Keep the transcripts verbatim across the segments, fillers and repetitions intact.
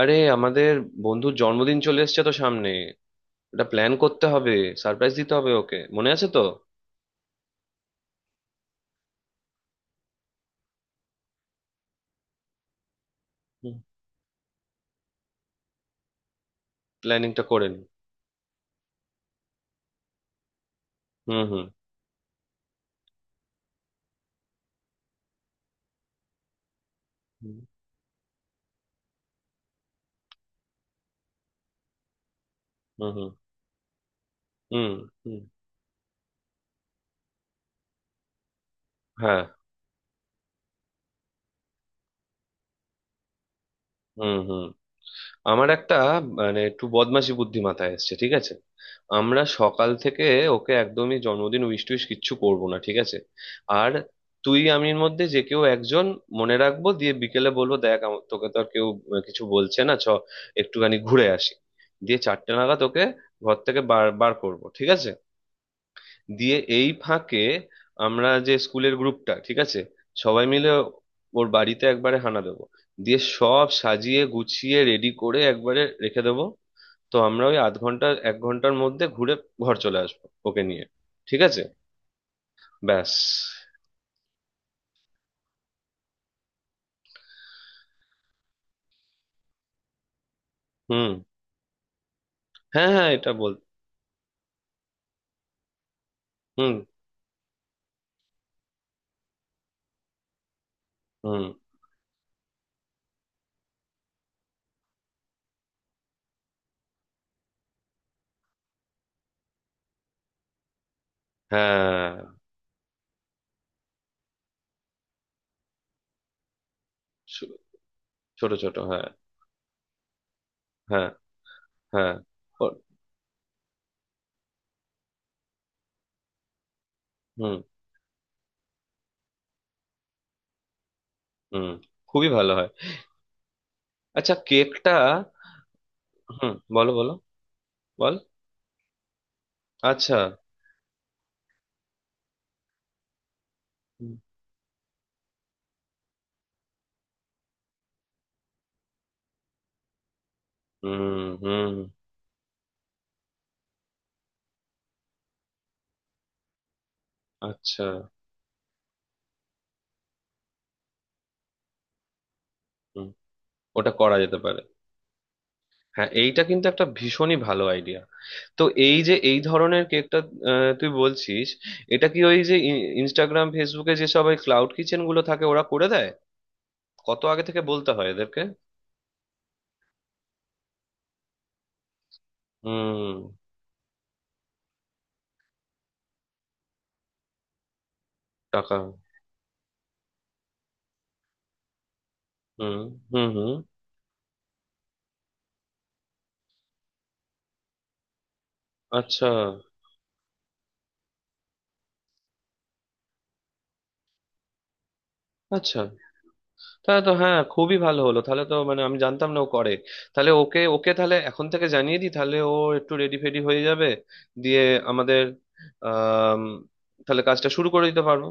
আরে আমাদের বন্ধুর জন্মদিন চলে এসছে তো সামনে। এটা প্ল্যান করতে হবে। সারপ্রাইজ দিতে হবে ওকে, মনে আছে তো? হুম। প্ল্যানিংটা করেন। হুম হুম। হুম। হুম হুম হুম হুম। হ্যাঁ। হুম হুম। আমার একটা মানে একটু বদমাশি বুদ্ধি মাথায় এসছে, ঠিক আছে? আমরা সকাল থেকে ওকে একদমই জন্মদিন উইশ টুইশ কিচ্ছু করব না, ঠিক আছে? আর তুই আমির মধ্যে যে কেউ একজন মনে রাখবো, দিয়ে বিকেলে বলবো, দেখ আমা- তোকে তো আর কেউ আহ, কিছু বলছে না, চ একটুখানি ঘুরে আসি। দিয়ে চারটে নাগাদ ওকে ঘর থেকে বার বার করবো, ঠিক আছে? দিয়ে এই ফাঁকে আমরা যে স্কুলের গ্রুপটা, ঠিক আছে, সবাই মিলে ওর বাড়িতে একবারে হানা দেবো। দিয়ে সব সাজিয়ে গুছিয়ে রেডি করে একবারে রেখে দেবো। তো আমরা ওই আধ ঘন্টা এক ঘন্টার মধ্যে ঘুরে ঘর চলে আসবো ওকে নিয়ে, ঠিক আছে? ব্যাস। হুম। হ্যাঁ হ্যাঁ, এটা বল। হুম হুম। হ্যাঁ ছো- ছোট ছোট, হ্যাঁ। হ্যাঁ হ্যাঁ। ও- হুম। হুম, খুবই ভালো হয়। আচ্ছা, কেকটা। হুম, বলো বলো। বল। আচ্ছা। হুম হুম। আচ্ছা। হুম, ওটা করা যেতে পারে। হ্যাঁ, এইটা কিন্তু একটা ভীষণই ভালো আইডিয়া। তো এই যে এই ধরনের কেকটা আহ, তুই বলছিস, এটা কি ওই যে ই- ইনস্টাগ্রাম ফেসবুকে যে সব ওই ক্লাউড কিচেন গুলো থাকে, ওরা করে দেয়? কত আগে থেকে বলতে হয় এদেরকে? হুম। টাকা। হুম হুম হুম। আচ্ছা। আচ্ছা। তাহলে তো হ্যাঁ, খুবই ভালো হলো, তাহলে তো মানে আমি জানতাম না ও করে। তাহলে ওকে ওকে তাহলে এখন থেকে জানিয়ে দিই, তাহলে ও একটু রেডি ফেডি হয়ে যাবে। দিয়ে আমাদের আহ তাহলে কাজটা শুরু করে দিতে পারবো।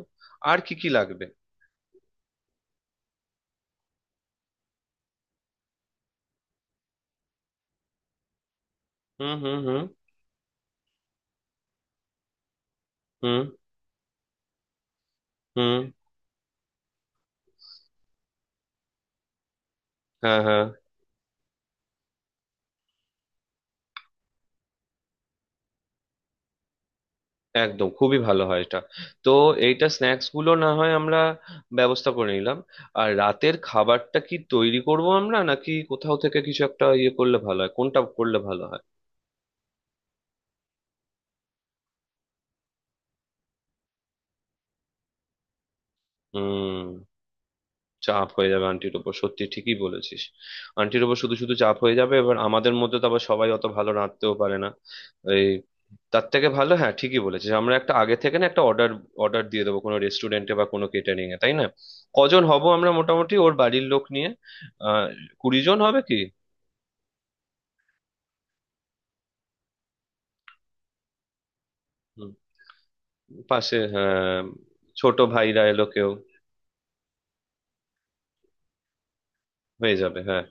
আর কি কি লাগবে? হুম হুম হুম হুম হুম। হ্যাঁ হ্যাঁ। একদম খুবই ভালো হয় এটা। তো এইটা স্ন্যাক্স গুলো না হয় আমরা ব্যবস্থা করে নিলাম। আর রাতের খাবারটা কি তৈরি করব আমরা নাকি কোথাও থেকে কিছু একটা ইয়ে করলে ভালো হয়, কোনটা করলে ভালো হয়? হুম, চাপ হয়ে যাবে আন্টির উপর, সত্যি ঠিকই বলেছিস। আন্টির উপর শুধু শুধু চাপ হয়ে যাবে, এবার আমাদের মধ্যে তো আবার সবাই অত ভালো রাঁধতেও পারে না। এই, তার থেকে ভালো, হ্যাঁ ঠিকই বলেছিস, আমরা একটা আগে থেকে, না, একটা অর্ডার অর্ডার দিয়ে দেবো কোনো রেস্টুরেন্টে বা কোনো কেটারিং এ, তাই না? কজন হব আমরা মোটামুটি ওর বাড়ির লোক নিয়ে? আহ কুড়ি জন হবে কি? হুম, পাশে হ্যাঁ, ছোট ভাইরা এলো কেউ। হয়ে যাবে, হ্যাঁ।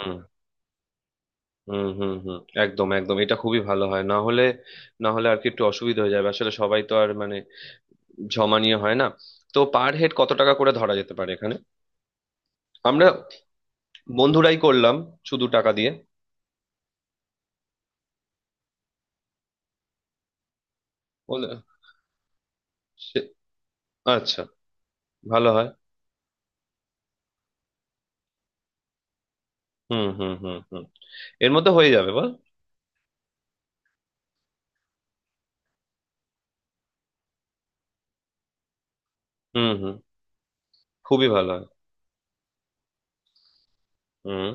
হুম হুম হুম হুম। একদম একদম, এটা খুবই ভালো হয়, না হলে না হলে আর কি একটু অসুবিধা হয়ে যাবে আসলে, সবাই তো আর মানে জমা নিয়ে হয় না। তো পার হেড কত টাকা করে ধরা যেতে পারে এখানে? আমরা বন্ধুরাই করলাম শুধু টাকা দিয়ে। বলে, সে- আচ্ছা, ভালো হয়। হুম হুম হুম হুম, এর মধ্যে হয়ে যাবে বল। হুম হুম, খুবই ভালো হয়। হুম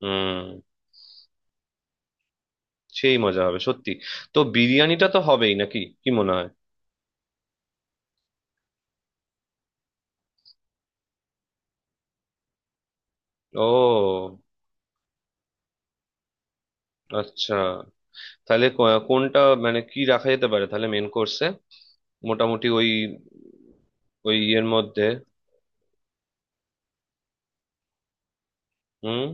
হুম, সেই মজা হবে সত্যি। তো বিরিয়ানিটা তো হবেই নাকি? কি মনে হয়? ও আচ্ছা। তাহলে কো- কোনটা মানে কি রাখা যেতে পারে তাহলে মেন কোর্সে, মোটামুটি ওই ওই ইয়ের মধ্যে? হুম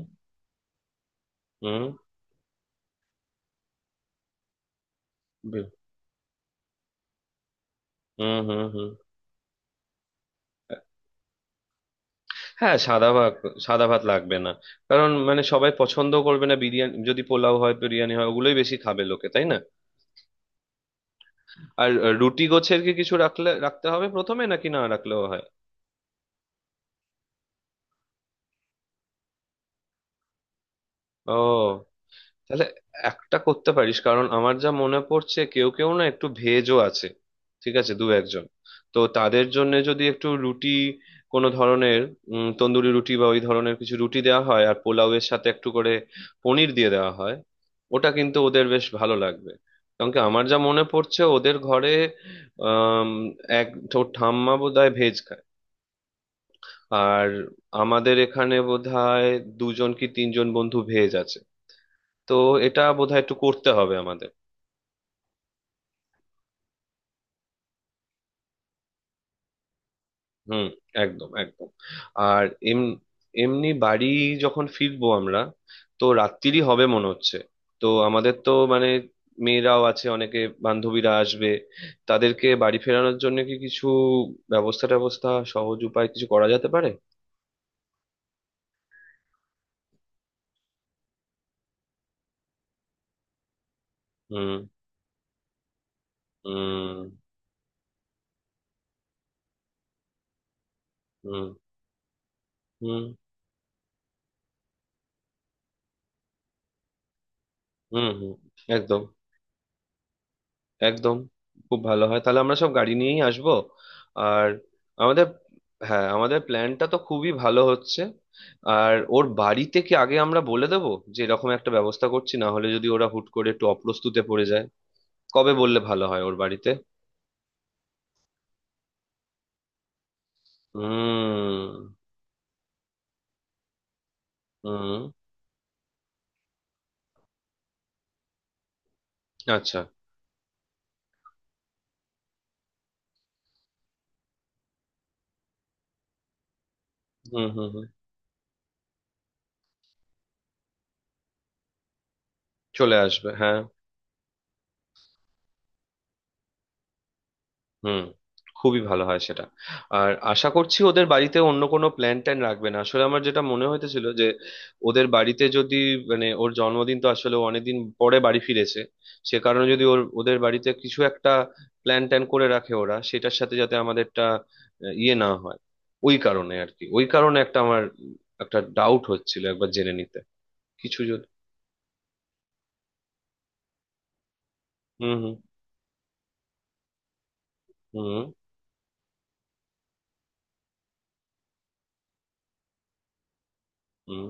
হুম। বি- হুম হুম হুম। হ্যাঁ, সাদা ভাত, সাদা ভাত লাগবে না। কারণ মানে সবাই পছন্দ করবে না, বিরিয়ানি যদি পোলাও হয়, বিরিয়ানি হয়, ওগুলোই বেশি খাবে লোকে, তাই না? আর আহ, রুটি গোছের কি কিছু রাখলে রাখতে হবে প্রথমে নাকি না রাখলেও হয়? ও, তাহলে একটা করতে পারিস, কারণ আমার যা মনে পড়ছে কেউ কেউ না একটু ভেজও আছে, ঠিক আছে, দু একজন। তো তাদের জন্য যদি একটু রুটি, কোনো ধরনের উম, তন্দুরি রুটি বা ওই ধরনের কিছু রুটি দেওয়া হয় আর পোলাওয়ের সাথে একটু করে পনির দিয়ে দেওয়া হয়, ওটা কিন্তু ওদের বেশ ভালো লাগবে। কারণ কি আমার যা মনে পড়ছে ওদের ঘরে আম, এক ঠো- ঠাম্মা বোধহয় ভেজ খায়। আর আমাদের এখানে বোধহয় দুজন কি তিনজন বন্ধু ভেজ আছে। তো এটা বোধহয় একটু করতে হবে আমাদের। হুম। একদম একদম। আর এম এমনি বাড়ি যখন ফিরবো আমরা তো রাত্রিরই হবে মনে হচ্ছে। তো আমাদের তো মানে মেয়েরাও আছে অনেকে, বান্ধবীরা আসবে, তাদেরকে বাড়ি ফেরানোর জন্য কি কিছু ব্যবস্থা ট্যাবস্থা সহজ উপায় কিছু করা যেতে পারে? হুম হুম হুম হুম হুম হুম। একদম একদম, খুব ভালো হয়, তাহলে আমরা সব গাড়ি নিয়েই আসবো। আর আমাদের হ্যাঁ, আমাদের প্ল্যানটা তো খুবই ভালো হচ্ছে। আর ওর বাড়িতে কি আগে আমরা বলে দেবো যে এরকম একটা ব্যবস্থা করছি, না হলে যদি ওরা হুট করে একটু অপ্রস্তুতে পড়ে যায়? কবে বললে ভালো হয় ওর বাড়িতে? হুম হুম। আচ্ছা। হুম হুম হুম। চলে আসবে, হ্যাঁ। হুম, খুবই ভালো হয় সেটা। আর আশা করছি ওদের বাড়িতে অন্য কোনো প্ল্যান ট্যান রাখবে না, আসলে আমার যেটা মনে হইতেছিল যে ওদের বাড়িতে যদি মানে ওর জন্মদিন তো আসলে ও অনেকদিন পরে বাড়ি ফিরেছে, সে কারণে যদি ওর ওদের বাড়িতে কিছু একটা প্ল্যান ট্যান করে রাখে ওরা, সেটার সাথে যাতে আমাদেরটা আহ, ইয়ে না হয়। ওই কারণে আর কি, ওই কারণে একটা আমার একটা ডাউট হচ্ছিল একবার জেনে নিতে কিছু যদি। হুম হুম হুম হুম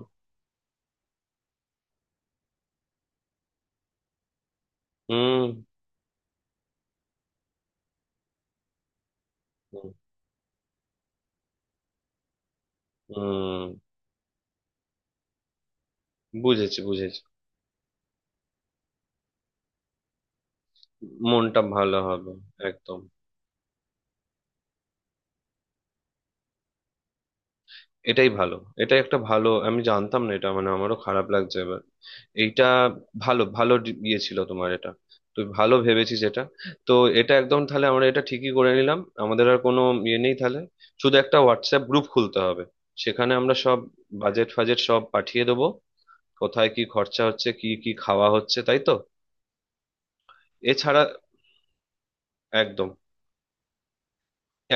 হুম হুম হুম। বুঝেছি বুঝেছি। মনটা ভালো হবে, একদম। এটাই ভালো, এটাই একটা ভালো, আমি জানতাম না এটা, মানে আমারও খারাপ লাগছে এবার। এইটা ভালো, ভালো ডি- ইয়ে ছিল তোমার এটা। তুই ভালো ভেবেছিস এটা। তো এটা একদম, তাহলে আমরা এটা ঠিকই করে নিলাম। আমাদের আর কোনো ইয়ে নেই তাহলে, শুধু একটা হোয়াটসঅ্যাপ গ্রুপ খুলতে হবে। সেখানে আমরা সব বাজেট ফাজেট সব পাঠিয়ে দেবো, কোথায় কি খরচা হচ্ছে, কি কি খাওয়া হচ্ছে, তাই তো? এছাড়া একদম,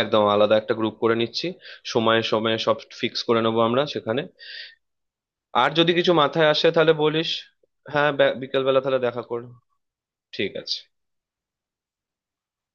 একদম আলাদা একটা গ্রুপ করে নিচ্ছি। সময়ে সময়ে সব ফিক্স করে নেবো আমরা সেখানে। আর যদি কিছু মাথায় আসে তাহলে বলিস। হ্যাঁ, বে- বিকেলবেলা তাহলে দেখা করো। ঠিক আছে।